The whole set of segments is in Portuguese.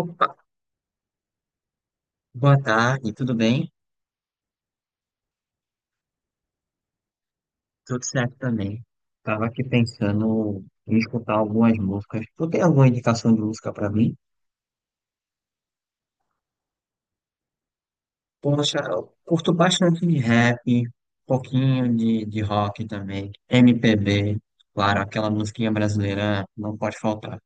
Opa, boa tarde, tudo bem? Tudo certo também. Tava aqui pensando em escutar algumas músicas. Tu tem alguma indicação de música pra mim? Poxa, eu curto bastante de rap, um pouquinho de rock também, MPB, claro, aquela musiquinha brasileira não pode faltar.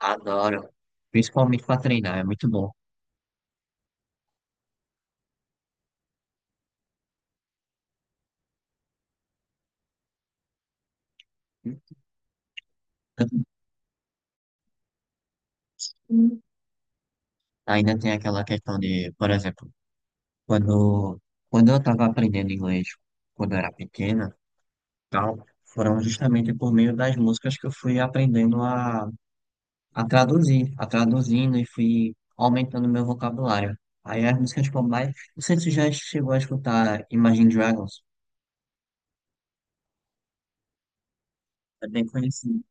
Adoro, principalmente pra treinar, é muito bom. Ainda tem aquela questão de, por exemplo, quando, quando eu estava aprendendo inglês, quando eu era pequena, tal, foram justamente por meio das músicas que eu fui aprendendo a traduzir, a traduzindo e fui aumentando meu vocabulário. Aí as músicas como mais. Não sei se você já chegou a escutar Imagine Dragons, é bem conhecido.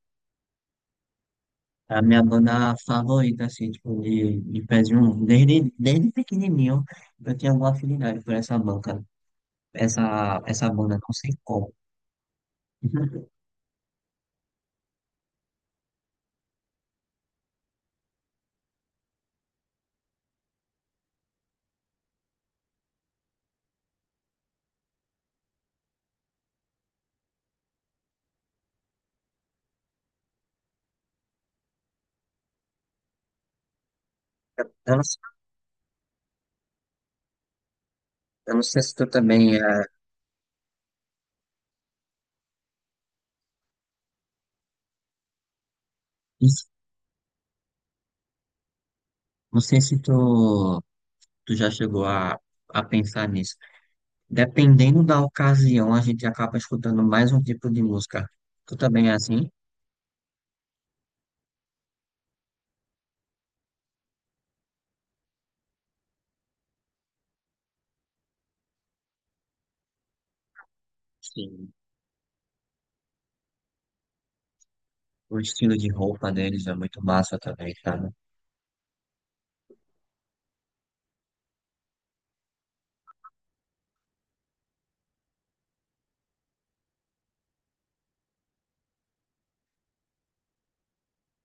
É a minha banda favorita, assim, tipo, de pezinho. Desde pequenininho eu tinha alguma afinidade por essa banca, essa banda, não sei como. Eu não, eu não sei se tu também é. Não sei se tu. Tu já chegou a pensar nisso? Dependendo da ocasião, a gente acaba escutando mais um tipo de música. Tu também é assim? Sim. O estilo de roupa deles é muito massa também, sabe?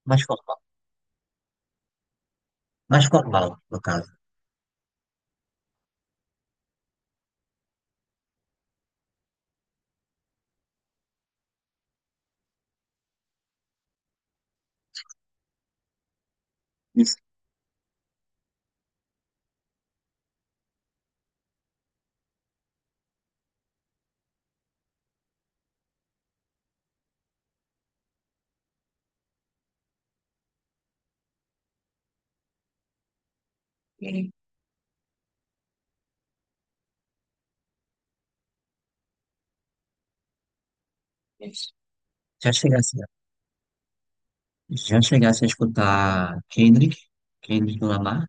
Mais formal. Mais formal, no caso. Isso. Já chegasse, já chegasse a escutar Kendrick, Kendrick Lamar,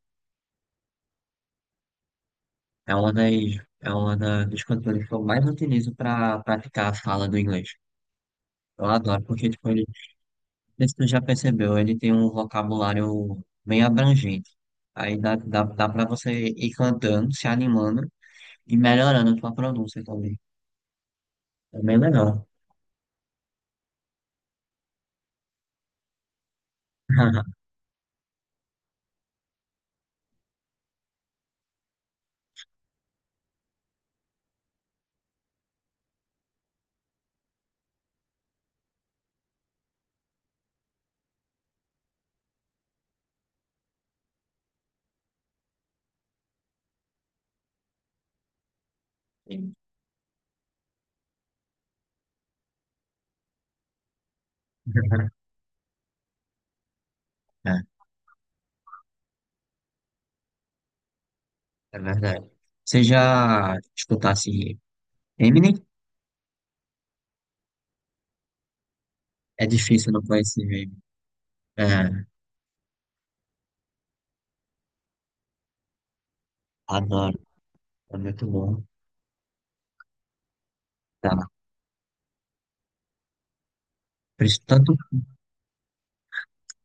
é uma das, é uma da, dos cantores que eu mais utilizo para praticar a fala do inglês. Eu adoro, porque tipo, ele. Não sei se tu já percebeu, ele tem um vocabulário bem abrangente. Aí dá para você ir cantando, se animando e melhorando a tua pronúncia também. É bem legal. É, é verdade. Você já escutasse Eminem? É difícil não conhecer ele. É, adoro. É muito bom. Tá. Por isso, tanto,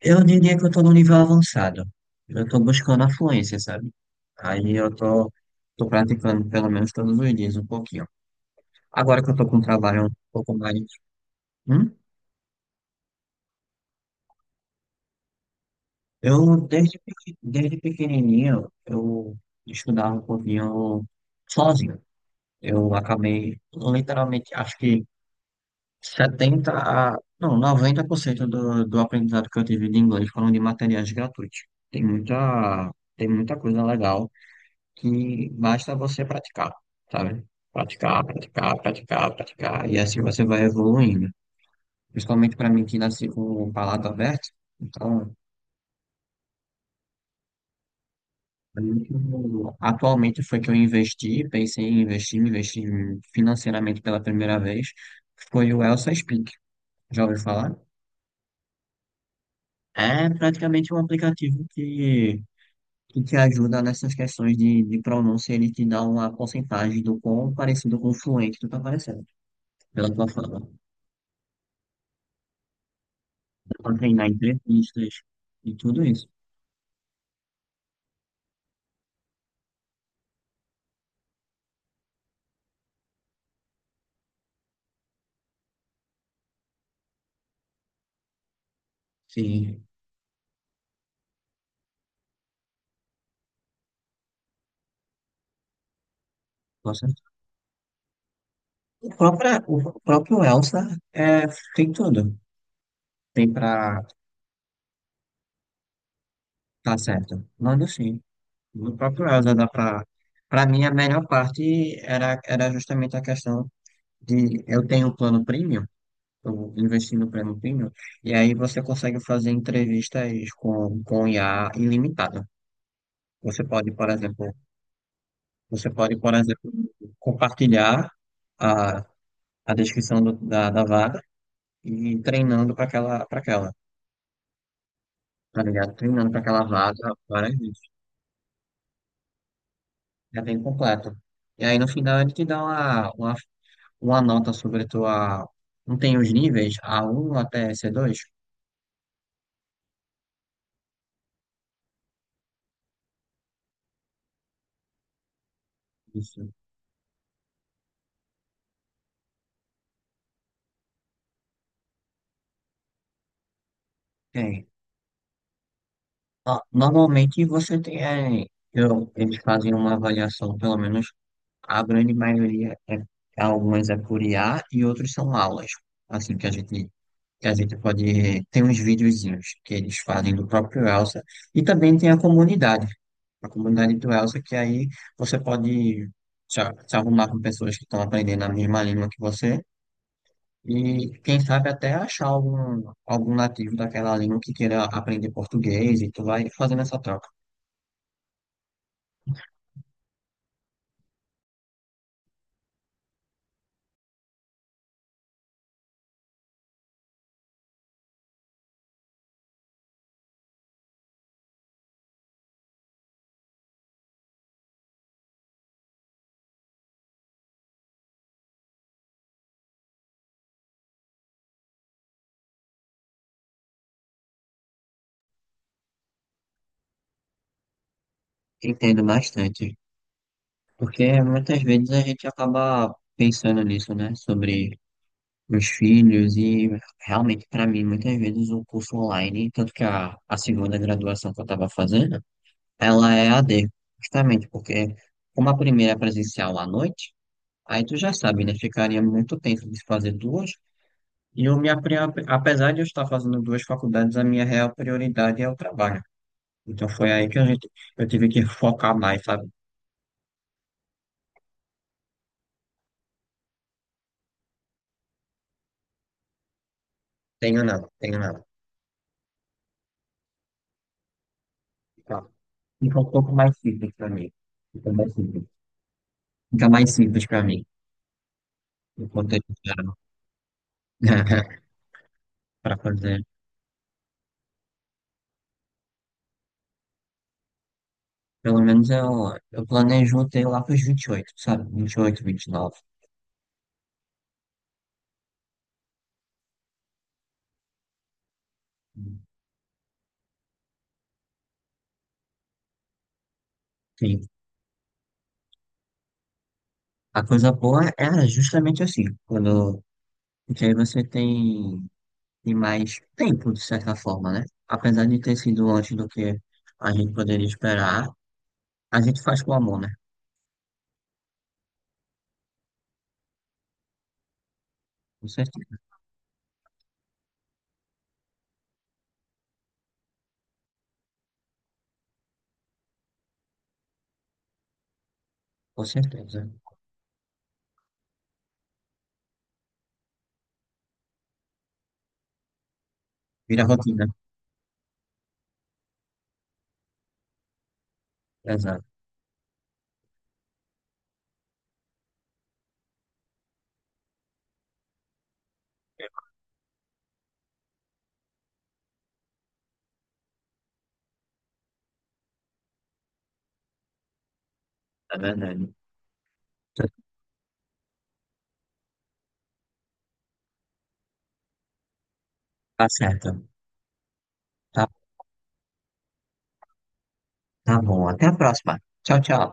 eu diria que eu tô no nível avançado. Eu tô buscando a fluência, sabe? Aí eu tô praticando pelo menos todos os dias um pouquinho. Agora que eu tô com um trabalho um pouco mais. Hum? Eu, desde pequenininho, eu estudava um pouquinho sozinho. Eu acabei, literalmente, acho que 70 a, não, 90% do aprendizado que eu tive de inglês foram de materiais gratuitos. Tem muita, tem muita coisa legal que basta você praticar, sabe? Praticar, praticar, praticar, praticar, e assim você vai evoluindo. Principalmente para mim que nasci com o palato aberto. Então, muito. Atualmente foi que eu investi, pensei em investir, investi financeiramente pela primeira vez, foi o Elsa Speak. Já ouviu falar? É praticamente um aplicativo que te ajuda nessas questões de pronúncia, ele te dá uma porcentagem do quão parecido com o fluente tu tá parecendo, pela tua fala. Dá pra treinar entrevistas e tudo isso. Sim, com certeza. O próprio, o próprio Elsa é, tem tudo. Tem pra... Tá certo. Manda sim. No próprio Elza, dá pra... Pra mim, a melhor parte era, era justamente a questão de eu tenho um plano premium, eu investi no plano premium, e aí você consegue fazer entrevistas com IA ilimitada. Você pode, por exemplo, você pode, por exemplo, compartilhar a, a descrição do- da vaga e ir treinando para aquela, tá ligado? Treinando para aquela vaga várias vezes. É bem completo. E aí no final ele te dá uma nota sobre tua. Não tem os níveis? A1 até C2. Isso. Tem. Ah, normalmente você tem. É, eu, eles fazem uma avaliação, pelo menos a grande maioria é. É, algumas é por IA e outros são aulas. Assim que a gente. Que a gente pode. Tem uns videozinhos que eles fazem do próprio Elsa. E também tem a comunidade. A comunidade do Elsa, que aí você pode. Se se arrumar com pessoas que estão aprendendo a mesma língua que você. E quem sabe até achar algum nativo daquela língua que queira aprender português e tu vai fazendo essa troca. Entendo bastante. Porque muitas vezes a gente acaba pensando nisso, né? Sobre os filhos e realmente para mim muitas vezes o curso online, tanto que a segunda graduação que eu estava fazendo, ela é a AD, justamente porque como a primeira é presencial à noite, aí tu já sabe, né? Ficaria muito tempo de fazer duas. E eu me apre- apesar de eu estar fazendo duas faculdades, a minha real prioridade é o trabalho. Então foi aí que a gente, eu tive que focar mais, sabe? Tenho não, tenho não. Tá. Fica um pouco mais simples para mim. Fica mais simples. Fica mais simples para mim, no contexto geral, para fazer. Pelo menos eu planejo ter lá para os 28, sabe? 20, 28, 29. Sim. A coisa boa é justamente assim, quando, porque aí você tem e mais tempo, de certa forma, né? Apesar de ter sido antes do que a gente poderia esperar, a gente faz com amor, né? Com certeza, com certeza. Vira rotina. Exato, é verdade. Tá certo. Tá, tá bom. Até a próxima. Tchau, tchau.